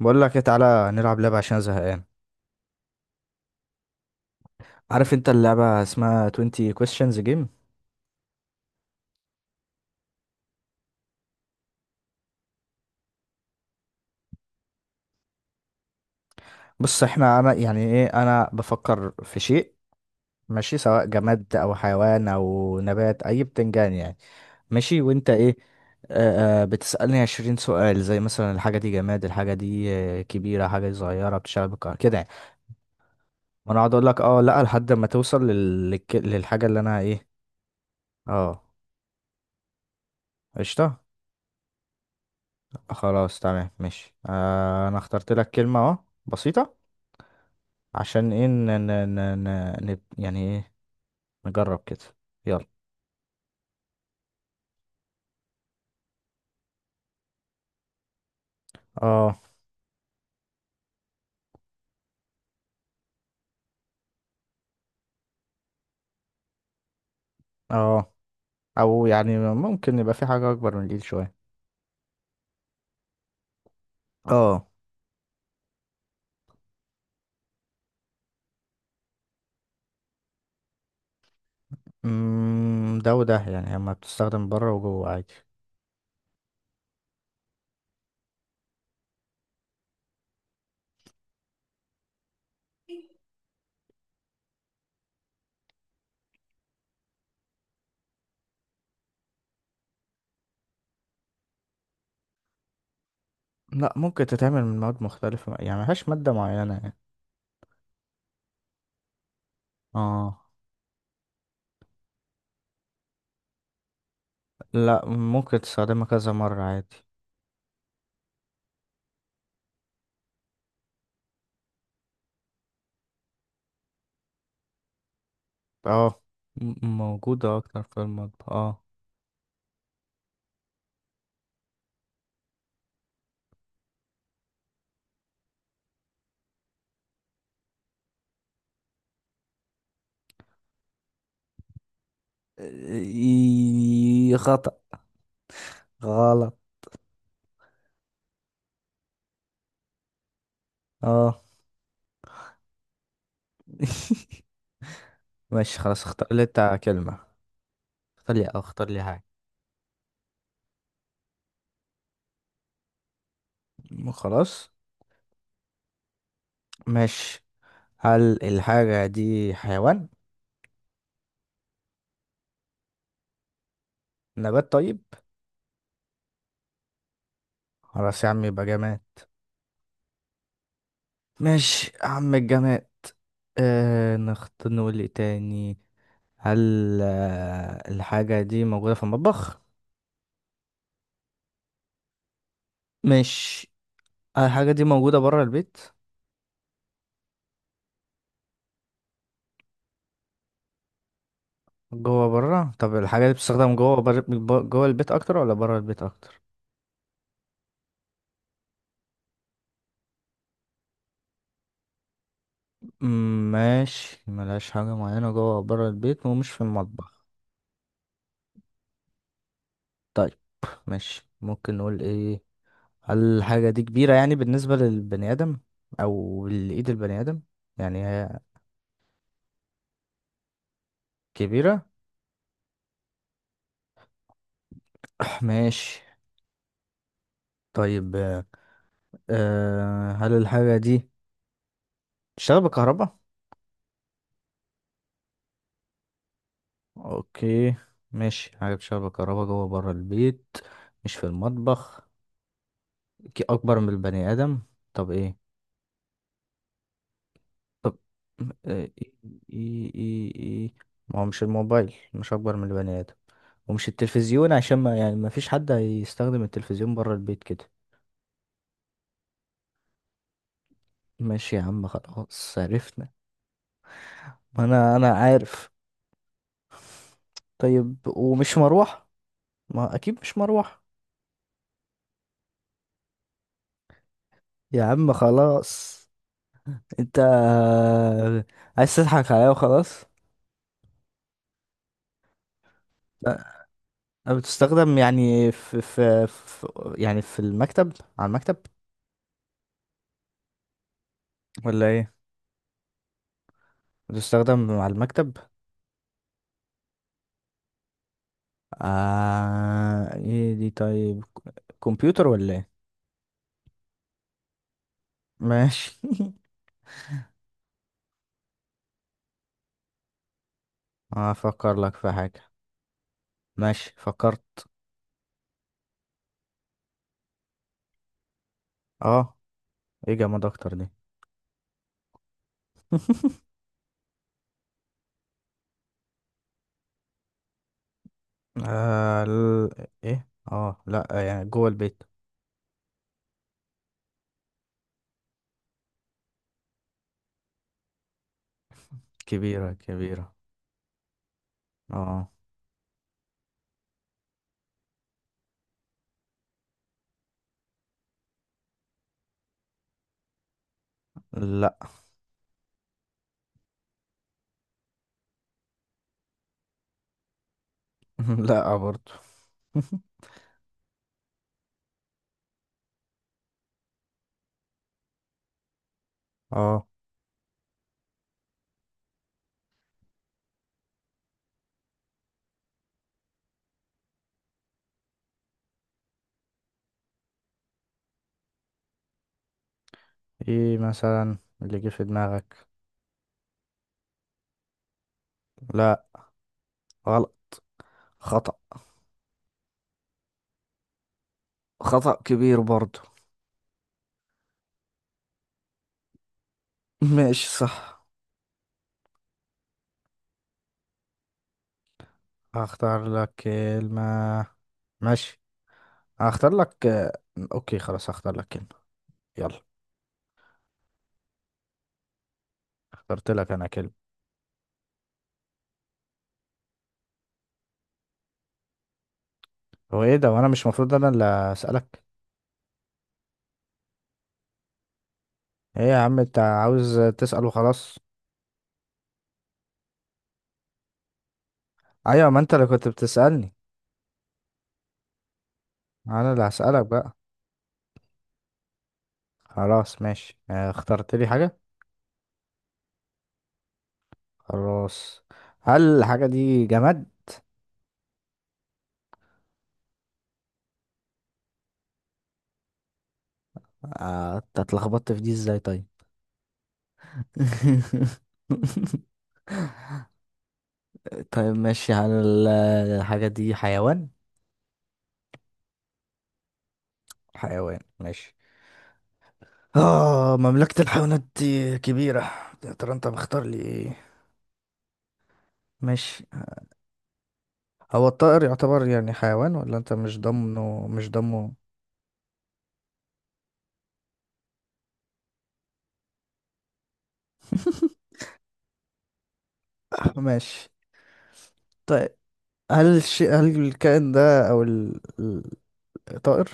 بقول لك إيه، تعالى نلعب لعبة عشان زهقان. عارف انت اللعبة اسمها 20 questions game. بص احنا انا يعني ايه، انا بفكر في شيء ماشي، سواء جماد او حيوان او نبات، اي بتنجان يعني. ماشي وانت ايه. بتسألني 20 سؤال زي مثلا الحاجة دي جماد، الحاجة دي كبيرة، حاجة دي صغيرة، بتشتغل بالكهرباء كده يعني. وانا اقعد اقول لك اه لا لحد ما توصل للحاجة اللي انا ايه. اه، قشطة. خلاص تمام ماشي، آه انا اخترت لك كلمة اهو، بسيطة. عشان ايه يعني ايه، نجرب كده، يلا. اه اه او يعني ممكن يبقى في حاجة اكبر من الايد شوية. اه، ده وده يعني، اما بتستخدم بره وجوه عادي. لا ممكن تتعمل من مواد مختلفة يعني، ملهاش مادة معينة يعني. اه، لا ممكن تستخدمها كذا مرة عادي. اه، موجودة أكتر في المطبخ اه. إيه، خطأ. غلط. اه. ماشي خلاص، اختار لي انت كلمة، اختار لي، اختار لي حاجة. خلاص ماشي، هل الحاجة دي حيوان. نبات طيب. خلاص يا عم يبقى جماد. ماشي يا عم الجماد. آه نخت نقول ايه تاني. هل آه الحاجة دي موجودة في المطبخ. ماشي، هل الحاجة دي موجودة برا البيت. جوه برا، طب الحاجة دي بتستخدم جوه جوه البيت أكتر ولا برا البيت أكتر. مم، ماشي ملهاش حاجة معينة، جوه برا البيت ومش في المطبخ. طيب ماشي، ممكن نقول ايه، هل الحاجة دي كبيرة يعني بالنسبة للبني آدم أو لإيد البني آدم، يعني هي كبيرة. ماشي طيب، آه هل الحاجة دي بتشتغل بالكهرباء؟ أوكي، ماشي حاجة بتشتغل بالكهرباء جوه برا البيت، مش في المطبخ، أكبر من البني آدم، طب إيه؟ طب آه، إيه إيه إيه إيه؟ إيه. ما هو مش الموبايل مش أكبر من البني آدم، ومش التلفزيون عشان ما يعني ما فيش حد هيستخدم التلفزيون برا البيت كده. ماشي يا عم خلاص عرفنا. ما انا عارف. طيب ومش مروح، ما اكيد مش مروح. يا عم خلاص، انت عايز تضحك عليا وخلاص. أه، بتستخدم يعني في يعني في المكتب، على المكتب، ولا ايه. بتستخدم على المكتب. آه ايه دي طيب. كمبيوتر ولا ايه. ماشي. هفكر لك في حاجة. ماشي فكرت. اه، ايه جماد اكتر دي. آه ال... ايه اه لا يعني جوه البيت. كبيرة كبيرة. اه، لا. لا برضو. اه، ايه مثلا اللي جه في دماغك. لا غلط. خطأ. خطأ كبير برضو. ماشي صح. هختار لك كلمة، ماشي، هختار لك، اوكي خلاص هختار لك كلمة، يلا، اخترت لك انا كلمة. هو ايه ده، وانا مش المفروض انا اللي اسألك. ايه يا عم، انت عاوز تسأل وخلاص. ايوه، ما انت اللي كنت بتسألني، انا اللي هسألك بقى. خلاص ماشي، آه، اخترت لي حاجة. خلاص. هل الحاجة دي جماد. آه، أنت اتلخبطت في دي ازاي طيب. طيب ماشي، هل الحاجة دي حيوان. حيوان ماشي. اه، مملكة الحيوانات دي كبيرة، يا ترى انت مختار لي ايه. ماشي. هو الطائر يعتبر يعني حيوان، ولا انت مش ضمنه مش ضمنه. ماشي طيب، هل الشيء، هل الكائن ده او الطائر.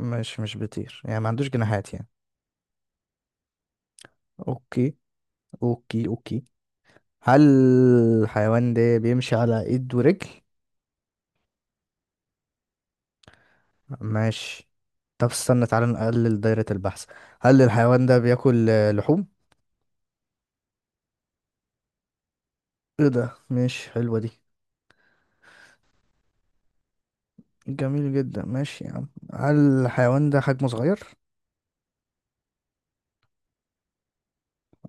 مش بيطير يعني ما عندوش جناحات يعني. اوكي اوكي اوكي. هل الحيوان ده بيمشي على ايد ورجل. ماشي، طب استنى تعالى نقلل دايرة البحث. هل الحيوان ده بياكل آه، لحوم. ايه ده، ماشي حلوة دي. جميل جدا ماشي يا عم. هل الحيوان ده حجمه صغير.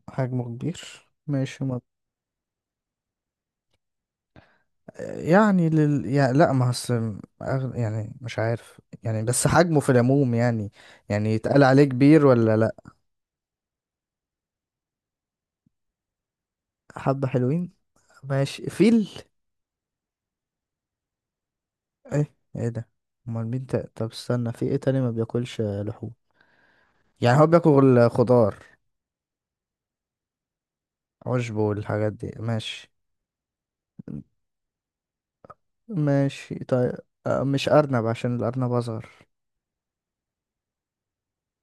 حجمه كبير ماشي. ما يعني يعني لا ما يعني مش عارف يعني، بس حجمه في العموم يعني، يعني يتقال عليه كبير ولا لا. حبة حلوين. ماشي فيل. ايه ايه ده، امال مين طب استنى، في ايه تاني ما بياكلش لحوم، يعني هو بياكل خضار عشب والحاجات دي ماشي. ماشي طيب، آه، مش ارنب عشان الارنب اصغر.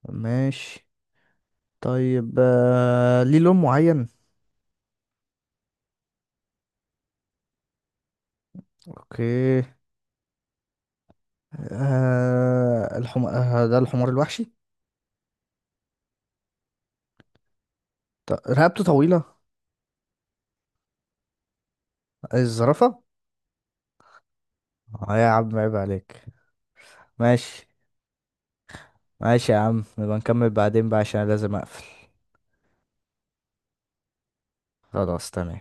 ماشي طيب، آه، ليه لون معين. اوكي. آه الحم... آه ده الحمار الوحشي. رقبته طويلة. الزرافة. اه يا عم عيب عليك. ماشي. ماشي يا عم، نبقى نكمل بعدين بقى عشان أنا لازم اقفل. خلاص تمام.